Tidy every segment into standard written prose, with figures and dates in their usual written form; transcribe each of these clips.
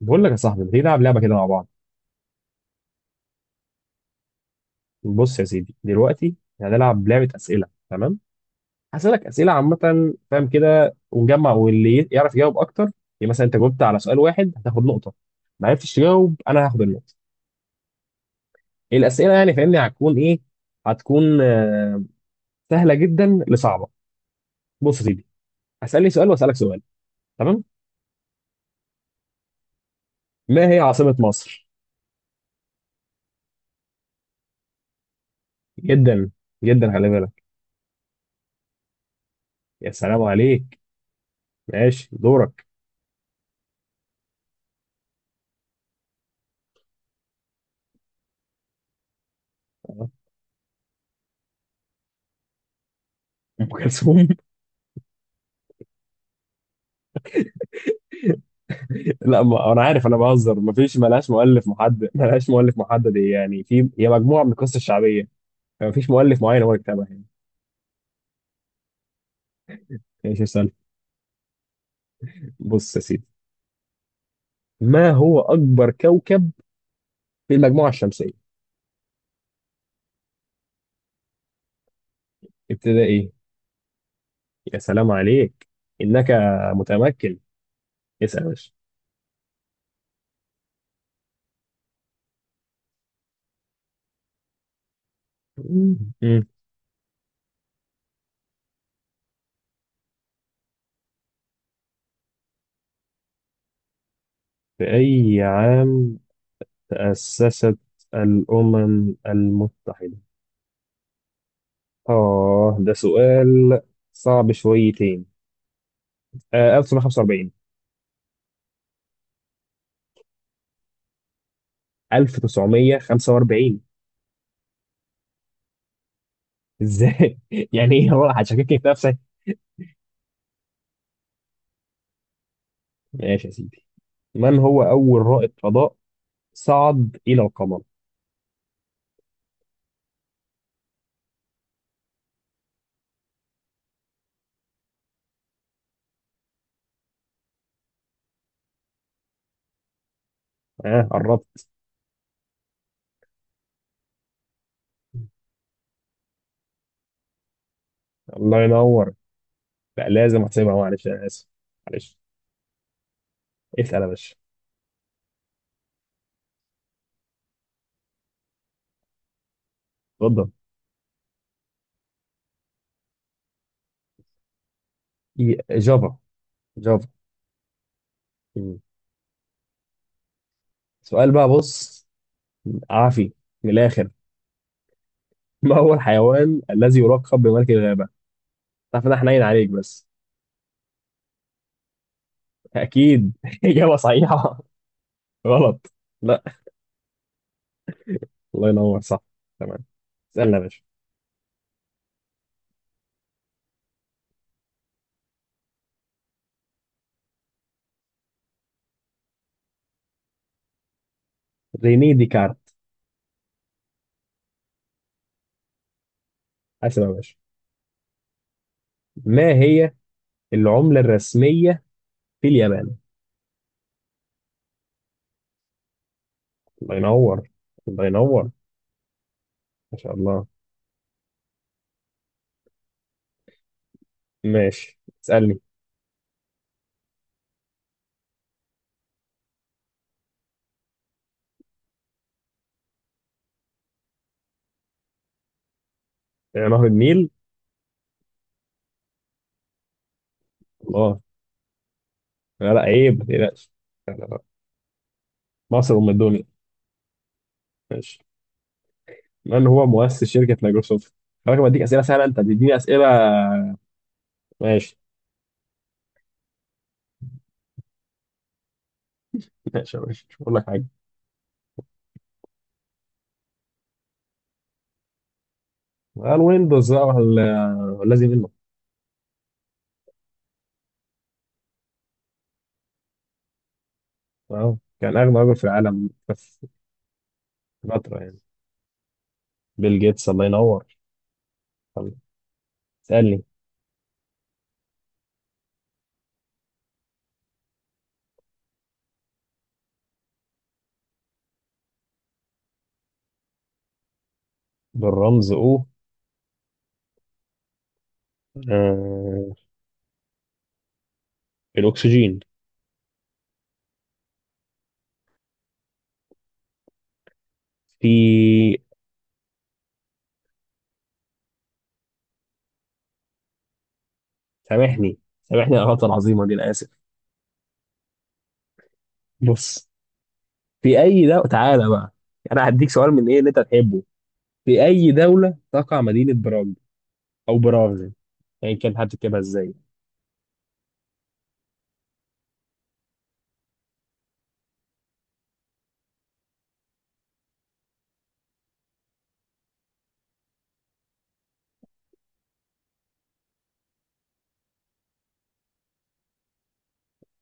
بقول لك يا صاحبي، ما تيجي نلعب لعبه كده مع بعض؟ بص يا سيدي، دلوقتي هنلعب لعبه اسئله، تمام؟ هسألك اسئله عامه، فاهم كده، ونجمع واللي يعرف يجاوب اكتر. يعني مثلا انت جاوبت على سؤال واحد، هتاخد نقطه. ما عرفتش تجاوب، انا هاخد النقطه. الاسئله يعني فاهمني هتكون ايه؟ هتكون سهله جدا لصعبه. بص يا سيدي، هسألني سؤال واسألك سؤال، تمام؟ ما هي عاصمه مصر؟ جدا، جدا خلي بالك. يا سلام عليك. ماشي، دورك. ام كلثوم. لا، ما انا عارف، انا بهزر. مفيش، ملهاش مؤلف محدد، ملهاش مؤلف محدد، هي يعني في هي مجموعه من القصص الشعبيه. مفيش مؤلف معين هو اللي كتبها يعني. ايش السالفه؟ بص يا سيدي، ما هو اكبر كوكب في المجموعه الشمسيه؟ ابتدائي. يا سلام عليك. انك متمكن. اسال يا باشا. مم. مم. في اي عام تاسست الامم المتحده؟ اه، ده سؤال صعب شويتين. 1945. 1945. ازاي يعني ايه؟ هو هتشككني في نفسي. ماشي يا سيدي، من هو اول رائد فضاء صعد الى القمر؟ ها، اه قربت. الله ينور. لا، لازم احسبها، معلش، انا اسف، معلش. اسال يا باشا. اتفضل. جافا. جافا. مم. سؤال بقى، بص. عافي، من الاخر. ما هو الحيوان الذي يلقب بملك الغابه؟ تعرف ان انا حنين عليك بس. اكيد. اجابه صحيحه؟ غلط. لا، الله ينور، صح. تمام، اسالنا يا باشا. ريني ديكارت. اسال يا باشا. ما هي العملة الرسمية في اليابان؟ الله ينور. الله ينور. ما شاء الله. ماشي، اسألني. نهر النيل. الله. لا، لا، عيب، ما تقلقش. لا، لا، لا. مصر أم الدنيا. ماشي. من هو مؤسس شركة مايكروسوفت؟ خلي بالك، بديك أسئلة سهلة، أنت بتديني أسئلة. ماشي، ماشي، ماشي مش هقول لك حاجة. الويندوز بقى والذي منه. اه، كان أغنى رجل في العالم بس فترة يعني. بيل جيتس، الله ينور. طب اسألني. بالرمز او. آه الأكسجين. في. سامحني، سامحني على الغلطه العظيمه دي، انا اسف. بص، في اي دوله تعالى بقى. انا هديك سؤال من ايه اللي انت تحبه. في اي دوله تقع مدينه براغ؟ او براغ يعني، يعني كان هتكتبها ازاي؟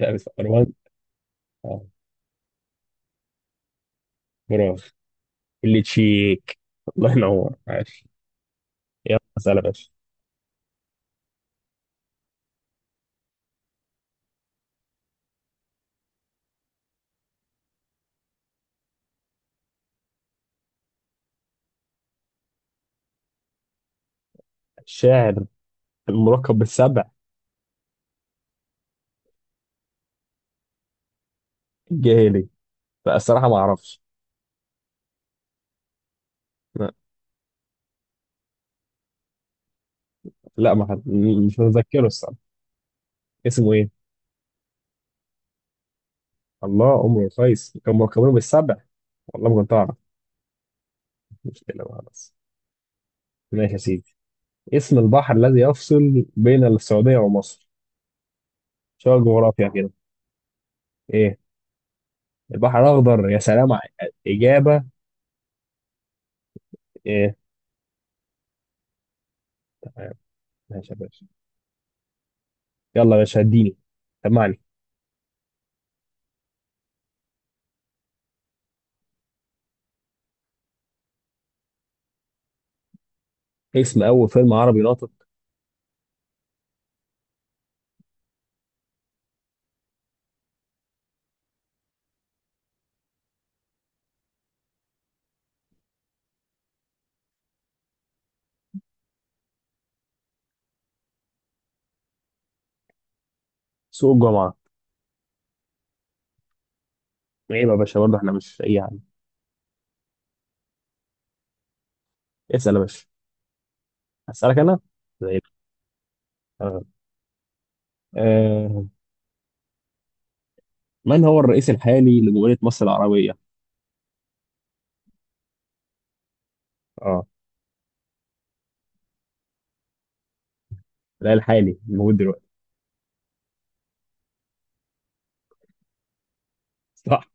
لا، بس اه، براغ اللي تشيك. الله ينور، عاش. يلا سلام يا باشا. الشاعر الملقب بالسبع. الجاهلي. لا، الصراحه ما اعرفش. لا، لا، ما حد- مش متذكره الصراحه. اسمه ايه؟ الله، عمره قيس كان ملقبينه بالسبع. والله ما كنت اعرف. مشكله بقى بس. ماشي يا سيدي، اسم البحر الذي يفصل بين السعودية ومصر؟ شغل جغرافيا كده. ايه؟ البحر الأخضر، يا سلام إجابة. ايه؟ ماشي يا باشا، يلا يا باشا اديني، سمعني. اسم أول فيلم عربي ناطق. سوق الجمعة. عيب يا باشا برضه، احنا مش أي حاجة. اسأل يا باشا. أسألك أنا. زي. آه. آه. من هو الرئيس الحالي لجمهورية مصر العربية؟ اه. لا، الحالي الموجود دلوقتي. صح.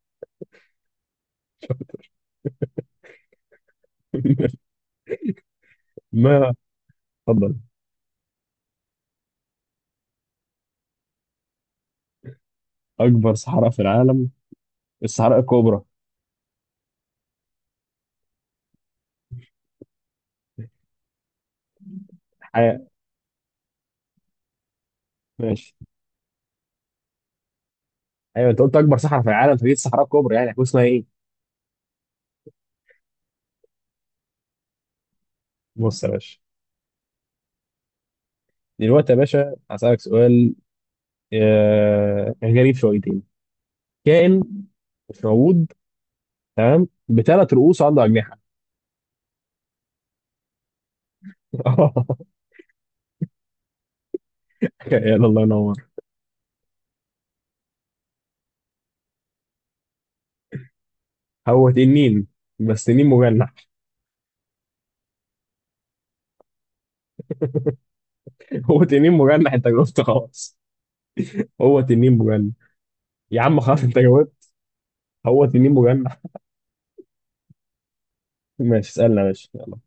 ما اتفضل. أكبر صحراء في العالم، الصحراء الكبرى. حياة. ماشي. ايوه، انت قلت اكبر صحراء في العالم، فدي الصحراء الكبرى، يعني هتكون اسمها ايه؟ بص يا باشا، دلوقتي يا باشا هسألك سؤال. يعني غريب شويتين. كائن مش موجود، تمام، بثلاث رؤوس، عنده أجنحة. يلا الله ينور. هو تنين، بس تنين مجنح. هو تنين مجنح، انت جاوبت خلاص. هو تنين مجنح، يا عم خلاص انت جاوبت. هو تنين مجنح. ماشي، اسألنا يا باشا يلا.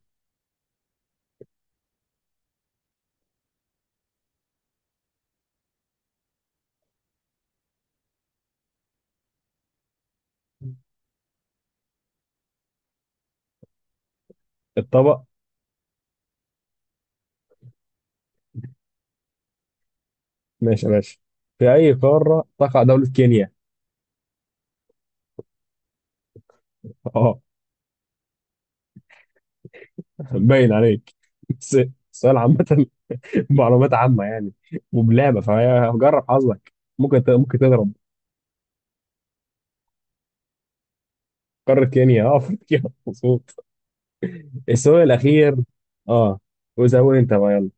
الطبق. ماشي يا باشا، في أي قارة تقع دولة كينيا؟ باين عليك. بس السؤال عامة، معلومات عامة يعني، وبلعبة فهي هجرب حظك. ممكن تضرب. قارة كينيا، اه افريقيا. مظبوط. السؤال الأخير. اه، وزود انت بقى، يلا.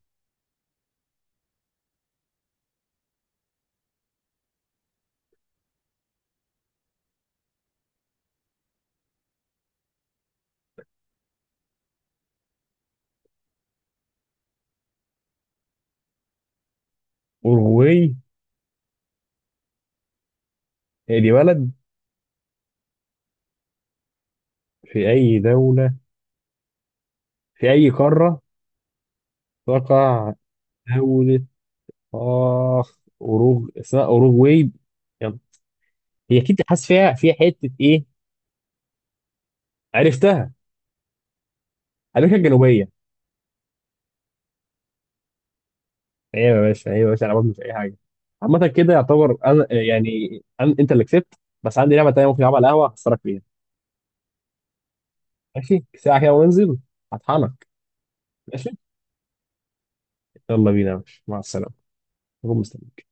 أوروغواي. هي دي بلد. في أي دولة، في أي قارة تقع دولة اخ أوروغ اسمها أوروغواي. يلا، هي أكيد حاسس فيها، فيها حتة إيه. عرفتها. أمريكا الجنوبية. ايوه يا باشا، ايوه يا باشا، انا برضه مش اي حاجه. عامه كده يعتبر انا يعني، أنا انت اللي كسبت. بس عندي لعبه تانيه ممكن العبها على القهوه، هخسرك فيها. ماشي ساعه كده وانزل، هطحنك. ماشي، يلا بينا يا باشا، مع السلامه. أكون مستنيك.